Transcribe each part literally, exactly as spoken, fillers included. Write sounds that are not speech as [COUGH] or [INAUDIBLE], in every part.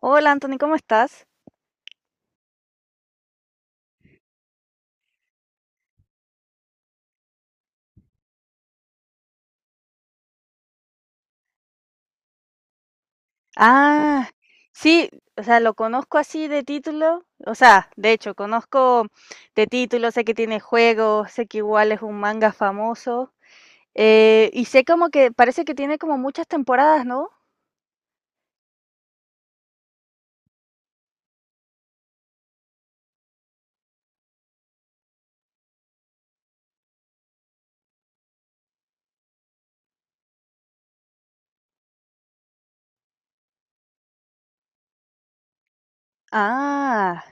Hola Anthony, ¿cómo estás? Ah, sí, o sea, lo conozco así de título, o sea, de hecho, conozco de título, sé que tiene juegos, sé que igual es un manga famoso, eh, y sé como que parece que tiene como muchas temporadas, ¿no? Ah,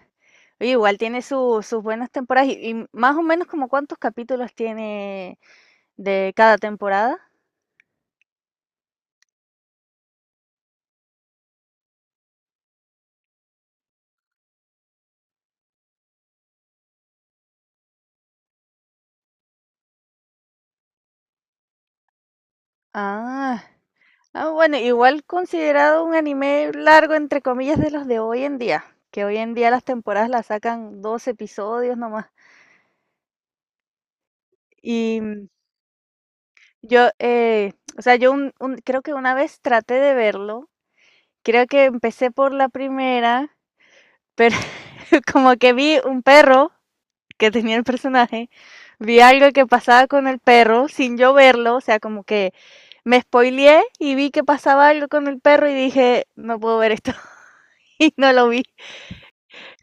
oye, igual tiene su- sus buenas temporadas, y, y más o menos como cuántos capítulos tiene de cada temporada. Ah. Ah, bueno, igual considerado un anime largo, entre comillas, de los de hoy en día, que hoy en día las temporadas las sacan dos episodios nomás. Y mm, yo, eh, o sea, yo un- un- creo que una vez traté de verlo, creo que empecé por la primera, pero [LAUGHS] como que vi un perro que tenía el personaje, vi algo que pasaba con el perro sin yo verlo, o sea, como que me spoileé y vi que pasaba algo con el perro y dije, no puedo ver esto [LAUGHS] y no lo vi.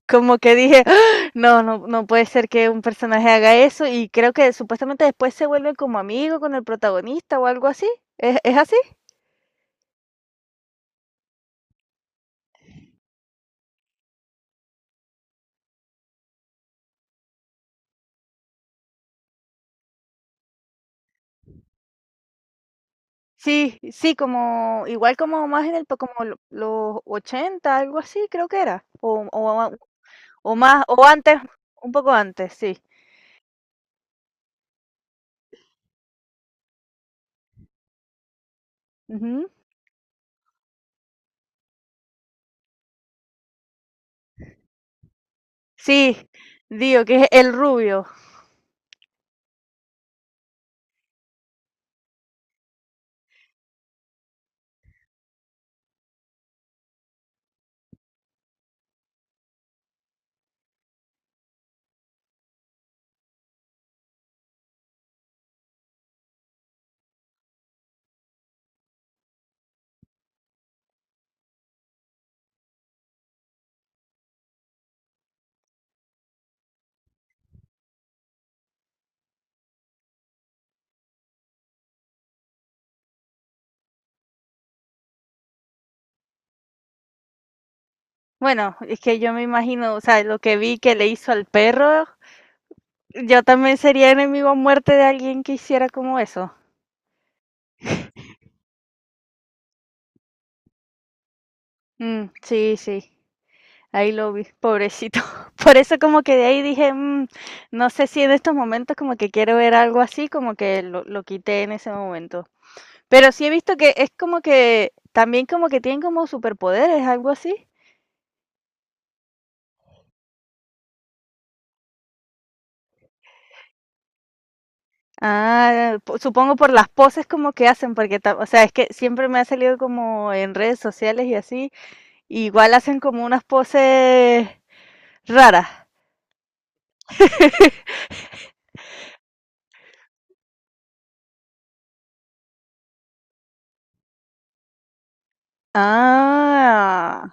Como que dije, "Ah, no, no, no puede ser que un personaje haga eso y creo que supuestamente después se vuelve como amigo con el protagonista o algo así. ¿Es, es así? Sí, sí, como igual como más en el pa- como lo- los ochenta, algo así creo que era o, o, o más o antes, un poco antes, sí. Ujú. Sí, digo que es el rubio. Bueno, es que yo me imagino, o sea, lo que vi que le hizo al perro, yo también sería enemigo a muerte de alguien que hiciera como eso. Mm, sí, sí, ahí lo vi, pobrecito. [LAUGHS] Por eso como que de ahí dije, "Mm, no sé si en estos momentos como que quiero ver algo así, como que lo, lo quité en ese momento. Pero sí he visto que es como que también como que tienen como superpoderes, algo así. Ah, po- supongo por las poses como que hacen, porque, ta- o sea, es que siempre me ha salido como en redes sociales y así, igual hacen como unas poses raras. Ah,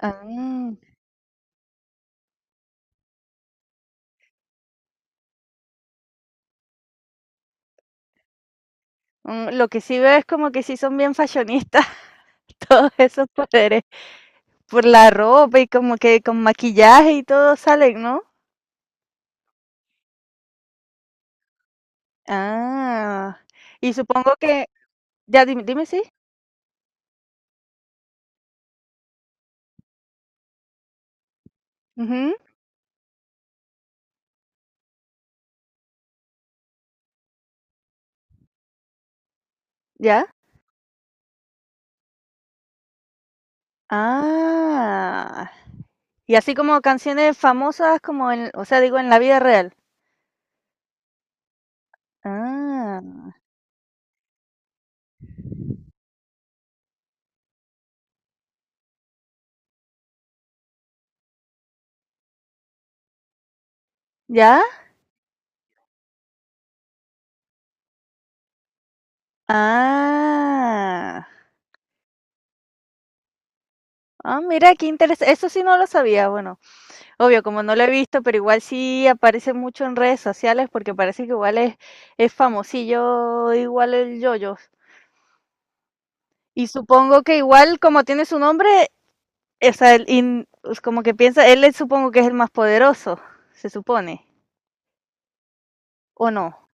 ah. Mm, lo que sí veo es como que sí son bien fashionistas [LAUGHS] todos esos poderes, por la ropa y como que con maquillaje y todo salen, ¿no? Ah, y supongo que, ya dime, dime sí, ujú, ya, ah, y así como canciones famosas como en, o sea, digo en la vida real. Ah, ya, ah, ah, mira, qué interesante, eso sí no lo sabía, bueno. Obvio, como no lo he visto, pero igual sí aparece mucho en redes sociales porque parece que igual es, es famosillo, igual el yoyo. Y supongo que igual como tiene su nombre, o sea, el in- es como que piensa, él es- supongo que es el más poderoso, se supone, ¿o no?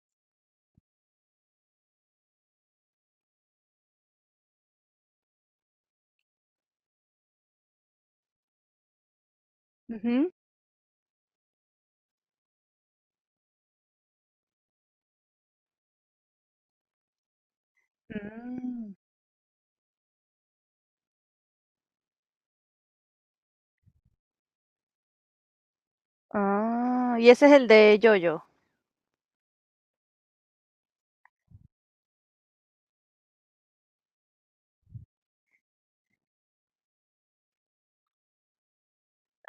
Ujú. Mm. Ah, y ese es el de yoyo.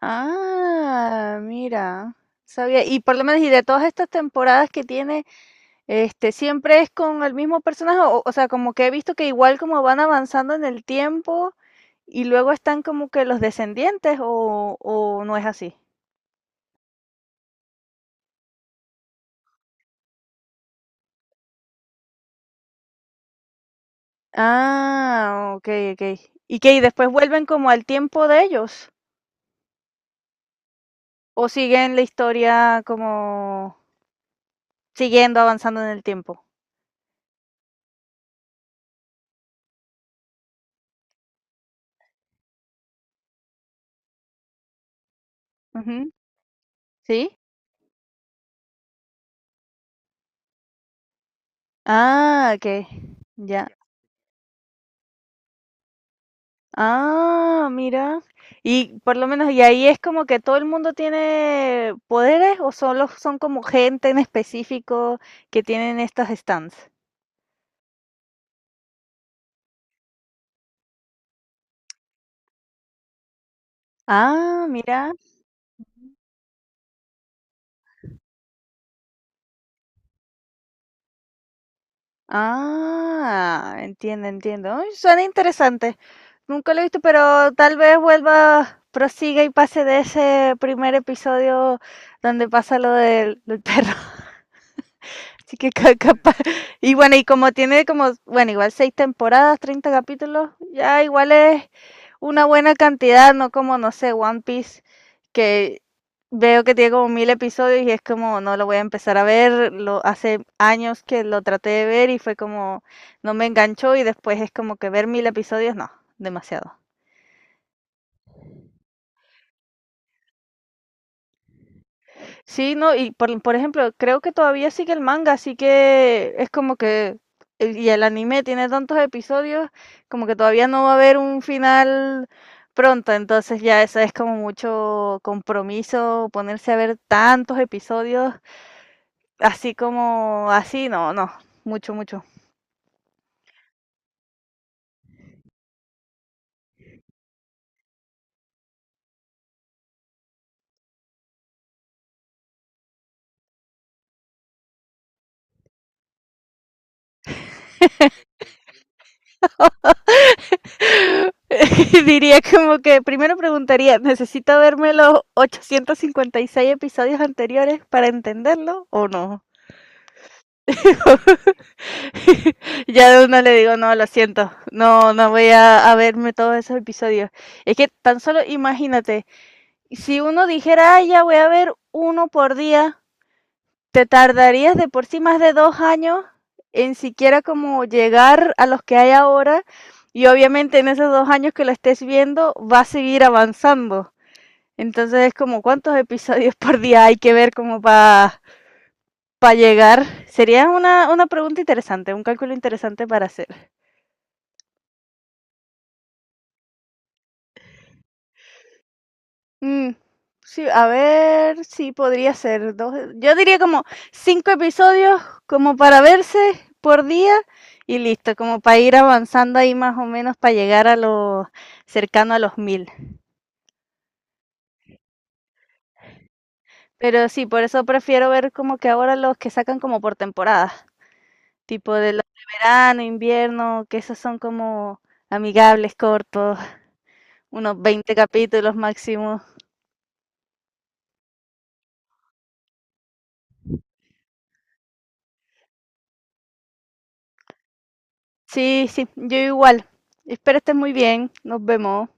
Ah, mira, sabía. Y por lo menos, y de todas estas temporadas que tiene… Este, ¿siempre es con el mismo personaje? O o sea, como que he visto que igual como van avanzando en el tiempo y luego están como que los descendientes o o no es así. Ah, okey, okey. ¿Y qué? ¿Y después vuelven como al tiempo de ellos? ¿O siguen la historia como siguiendo avanzando en el tiempo? Ujú, ¿sí? Ah, okey, ya. Ah, mira. Y por lo menos, y ahí es como que todo el mundo tiene poderes o solo son como gente en específico que tienen estas stands. Ah, mira. Ah, entiendo, entiendo. Ay, suena interesante. Nunca lo he visto, pero tal vez vuelva, prosiga y pase de ese primer episodio donde pasa lo del, del perro. Así que ca- capaz. Y bueno, y como tiene como, bueno, igual seis temporadas, treinta capítulos, ya igual es una buena cantidad, no como, no sé, One Piece, que veo que tiene como mil episodios y es como, no lo voy a empezar a ver, lo, hace años que lo traté de ver y fue como, no me enganchó y después es como que ver mil episodios, no, demasiado. Sí, no, y por, por ejemplo, creo que todavía sigue el manga, así que es como que, eh, y el anime tiene tantos episodios, como que todavía no va a haber un final pronto, entonces ya eso es como mucho compromiso, ponerse a ver tantos episodios, así como así, no, no, mucho, mucho. [LAUGHS] Diría como que primero preguntaría, ¿necesito verme los ochocientos cincuenta y seis episodios anteriores para entenderlo o no? [LAUGHS] Ya de una le digo, no, lo siento, no, no voy a, a verme todos esos episodios. Es que tan solo imagínate, si uno dijera, "Ay, ya voy a ver uno por día, te tardarías de por sí más de dos años en siquiera como llegar a los que hay ahora y obviamente en esos dos años que lo estés viendo va a seguir avanzando. Entonces es como cuántos episodios por día hay que ver como para llegar. Sería una, una pregunta interesante, un cálculo interesante para hacer. Mm, sí, a ver, sí, podría ser dos. Yo diría como cinco episodios como para verse por día y listo, como para ir avanzando ahí más o menos para llegar a los cercano a los mil. Pero sí, por eso prefiero ver como que ahora los que sacan como por temporada, tipo de los de verano, invierno, que esos son como amigables, cortos, unos veinte capítulos máximo. Sí, sí, yo igual. Espero estés muy bien. Nos vemos.